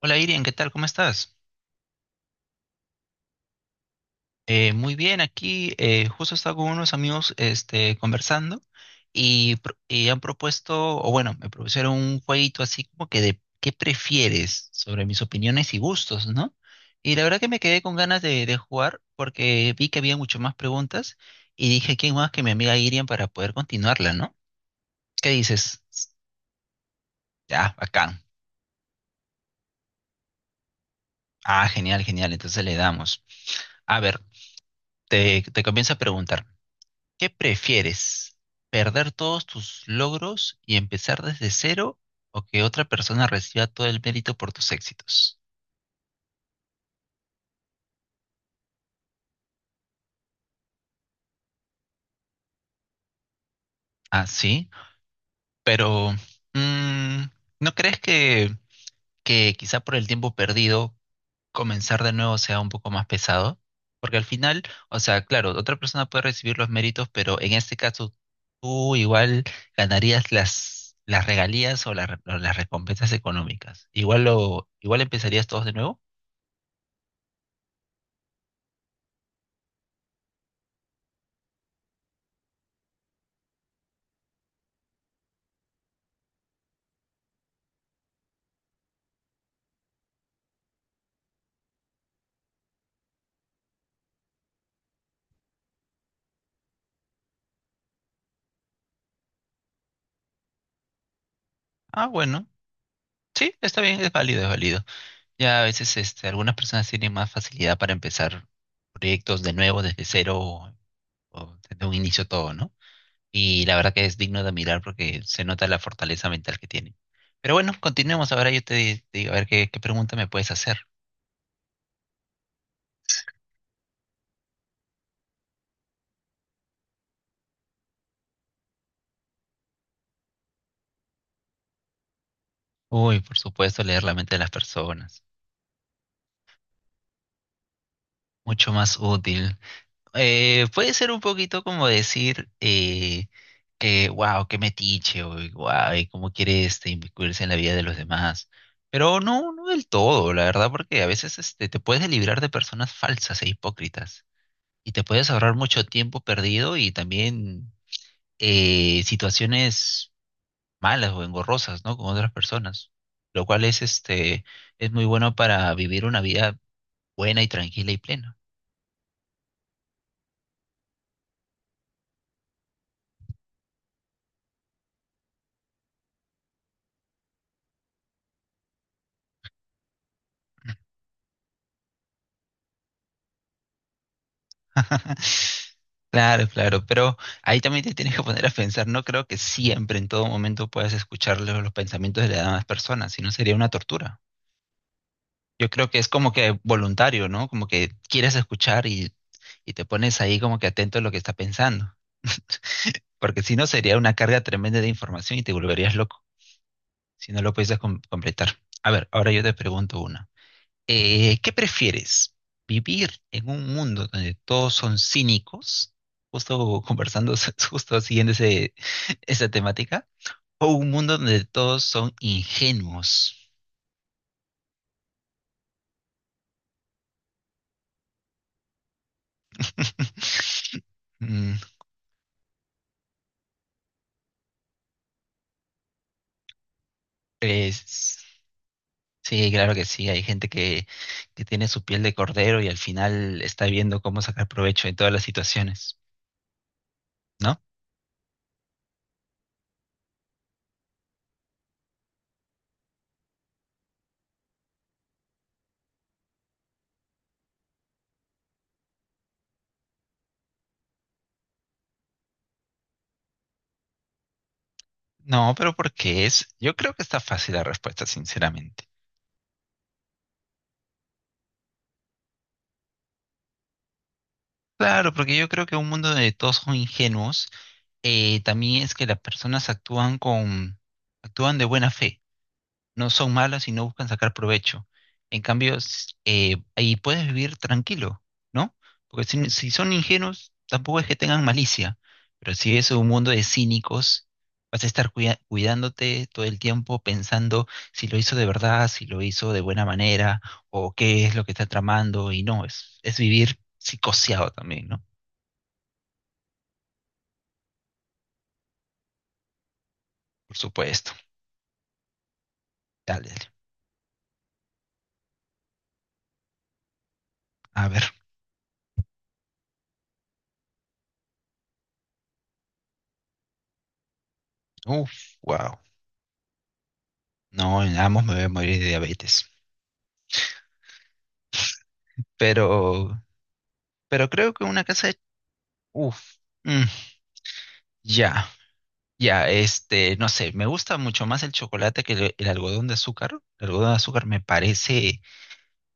Hola Irian, ¿qué tal? ¿Cómo estás? Muy bien, aquí justo estaba con unos amigos conversando y y han propuesto, o bueno, me propusieron un jueguito así como que de qué prefieres sobre mis opiniones y gustos, ¿no? Y la verdad que me quedé con ganas de jugar porque vi que había mucho más preguntas y dije, ¿quién más que mi amiga Irian para poder continuarla, ¿no? ¿Qué dices? Ya, bacán. Ah, genial, genial, entonces le damos. A ver, te comienzo a preguntar. ¿Qué prefieres? ¿Perder todos tus logros y empezar desde cero o que otra persona reciba todo el mérito por tus éxitos? Ah, sí, pero mm, ¿no crees que quizá por el tiempo perdido comenzar de nuevo sea un poco más pesado? Porque al final, o sea, claro, otra persona puede recibir los méritos, pero en este caso tú igual ganarías las regalías o o las recompensas económicas. Igual lo, igual empezarías todos de nuevo. Ah, bueno. Sí, está bien, es válido, es válido. Ya a veces algunas personas tienen más facilidad para empezar proyectos de nuevo, desde cero o desde un inicio todo, ¿no? Y la verdad que es digno de admirar porque se nota la fortaleza mental que tienen. Pero bueno, continuemos. Ahora yo te digo, a ver qué, qué pregunta me puedes hacer. Uy, por supuesto, leer la mente de las personas. Mucho más útil. Puede ser un poquito como decir, que wow, qué metiche, o wow, y cómo quiere inmiscuirse en la vida de los demás. Pero no, no del todo, la verdad, porque a veces te puedes librar de personas falsas e hipócritas y te puedes ahorrar mucho tiempo perdido y también situaciones malas o engorrosas, ¿no? Con otras personas, lo cual es, es muy bueno para vivir una vida buena y tranquila y plena. Claro, claro, pero ahí también te tienes que poner a pensar, no creo que siempre, en todo momento, puedas escuchar los pensamientos de las demás personas, si no sería una tortura. Yo creo que es como que voluntario, ¿no? Como que quieres escuchar y te pones ahí como que atento a lo que está pensando, porque si no sería una carga tremenda de información y te volverías loco, si no lo pudieses completar. A ver, ahora yo te pregunto una. ¿Qué prefieres? ¿Vivir en un mundo donde todos son cínicos? Justo conversando, justo siguiendo ese, esa temática. ¿O un mundo donde todos son ingenuos? Mm, es- sí, claro que sí. Hay gente que tiene su piel de cordero y al final está viendo cómo sacar provecho de todas las situaciones, ¿no? No, pero porque es? Yo creo que está fácil la respuesta, sinceramente. Claro, porque yo creo que un mundo donde todos son ingenuos también es que las personas actúan con, actúan de buena fe, no son malas y no buscan sacar provecho. En cambio, ahí puedes vivir tranquilo, ¿no? Porque si, si son ingenuos, tampoco es que tengan malicia, pero si es un mundo de cínicos, vas a estar cuidándote todo el tiempo pensando si lo hizo de verdad, si lo hizo de buena manera, o qué es lo que está tramando, y no, es vivir psicoseado también, ¿no? Por supuesto. Dale, dale. A ver. Uf, wow. No, en Amos me voy a morir de diabetes. Pero, pero creo que una casa de... Uf, mm, ya, ya, no sé, me gusta mucho más el chocolate que el algodón de azúcar. El algodón de azúcar me parece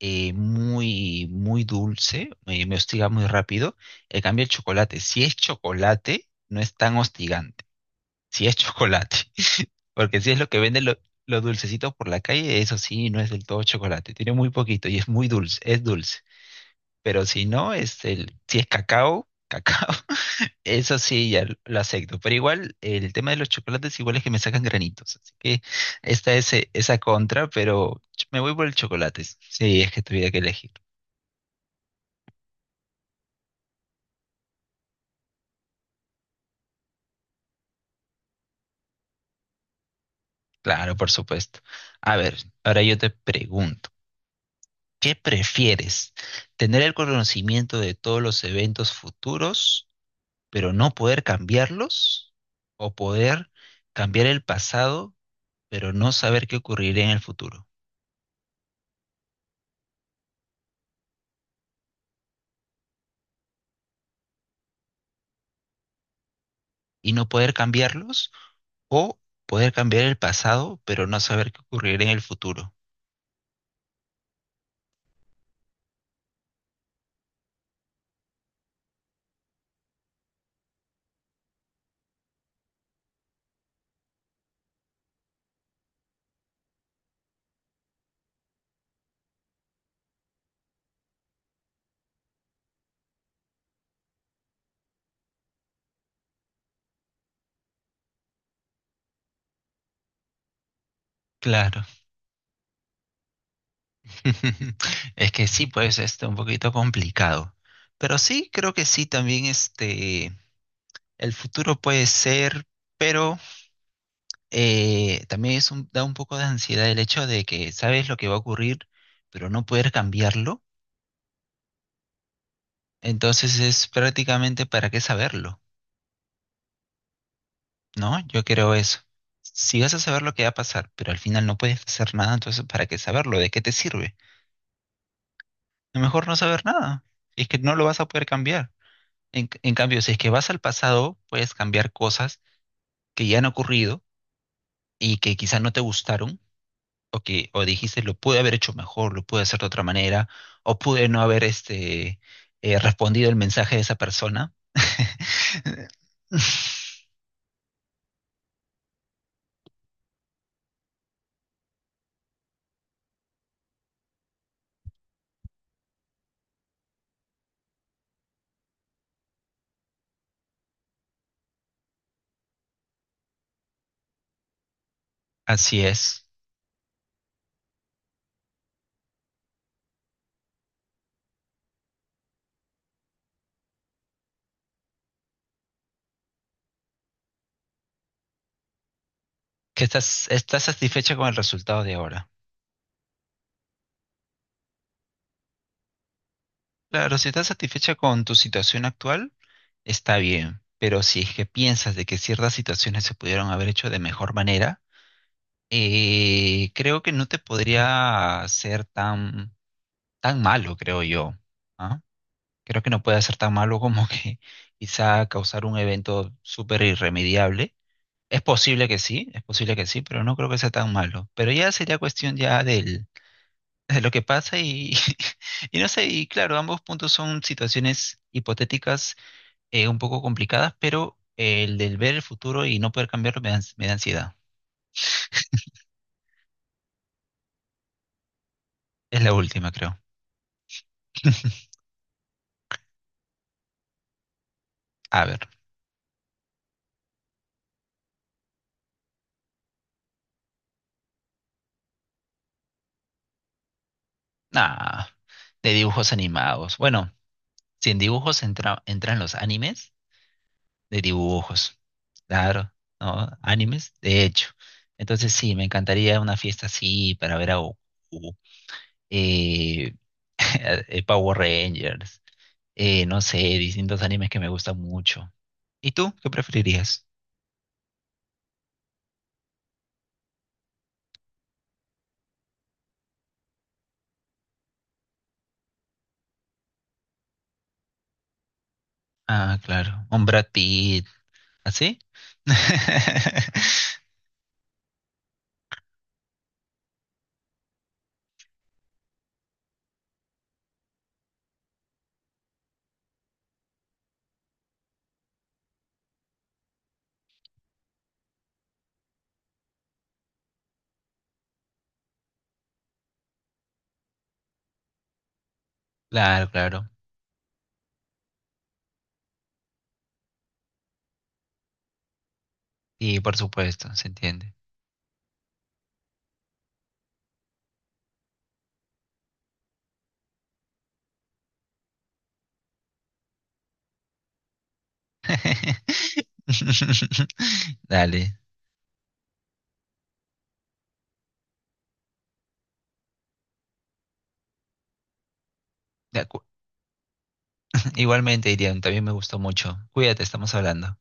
muy, muy dulce, me hostiga muy rápido. En cambio, el chocolate, si es chocolate, no es tan hostigante. Si es chocolate, porque si es lo que venden los dulcecitos por la calle, eso sí, no es del todo chocolate. Tiene muy poquito y es muy dulce, es dulce. Pero si no, si es cacao, cacao, eso sí, ya lo acepto. Pero igual, el tema de los chocolates igual es que me sacan granitos, así que esta es esa contra, pero me voy por el chocolate, si si es que tuviera que elegir. Claro, por supuesto. A ver, ahora yo te pregunto, ¿qué prefieres? ¿Tener el conocimiento de todos los eventos futuros, pero no poder cambiarlos? ¿O poder cambiar el pasado, pero no saber qué ocurrirá en el futuro? Y no poder cambiarlos o poder cambiar el pasado, pero no saber qué ocurrirá en el futuro. Claro. Es que sí, pues este un poquito complicado. Pero sí, creo que sí, también este el futuro puede ser, pero también es da un poco de ansiedad el hecho de que sabes lo que va a ocurrir, pero no poder cambiarlo. Entonces es prácticamente para qué saberlo. No, yo creo eso. Si vas a saber lo que va a pasar, pero al final no puedes hacer nada, entonces ¿para qué saberlo? ¿De qué te sirve? Es mejor no saber nada. Es que no lo vas a poder cambiar. En cambio, si es que vas al pasado, puedes cambiar cosas que ya han ocurrido y que quizás no te gustaron o que o dijiste lo pude haber hecho mejor, lo pude hacer de otra manera o pude no haber respondido el mensaje de esa persona. Así es. Que estás, estás satisfecha con el resultado de ahora. Claro, si estás satisfecha con tu situación actual, está bien, pero si es que piensas de que ciertas situaciones se pudieron haber hecho de mejor manera, creo que no te podría ser tan, tan malo, creo yo, ¿ah? Creo que no puede ser tan malo como que quizá causar un evento súper irremediable. Es posible que sí, es posible que sí, pero no creo que sea tan malo. Pero ya sería cuestión ya del de lo que pasa y, y no sé, y claro, ambos puntos son situaciones hipotéticas un poco complicadas, pero el del ver el futuro y no poder cambiarlo me da, me da ansiedad. Es la última, creo. A ver, nada, de dibujos animados. Bueno, si en dibujos entran los animes, de dibujos. Claro, ¿no? Animes, de hecho. Entonces sí, me encantaría una fiesta así para ver a Goku, eh, Power Rangers, no sé, distintos animes que me gustan mucho. ¿Y tú? ¿Qué preferirías? Ah, claro. Un Brad Pitt. ¿Así? Claro, claro. Y por supuesto, se entiende. Dale. De acu- Igualmente, Irian, también me gustó mucho. Cuídate, estamos hablando.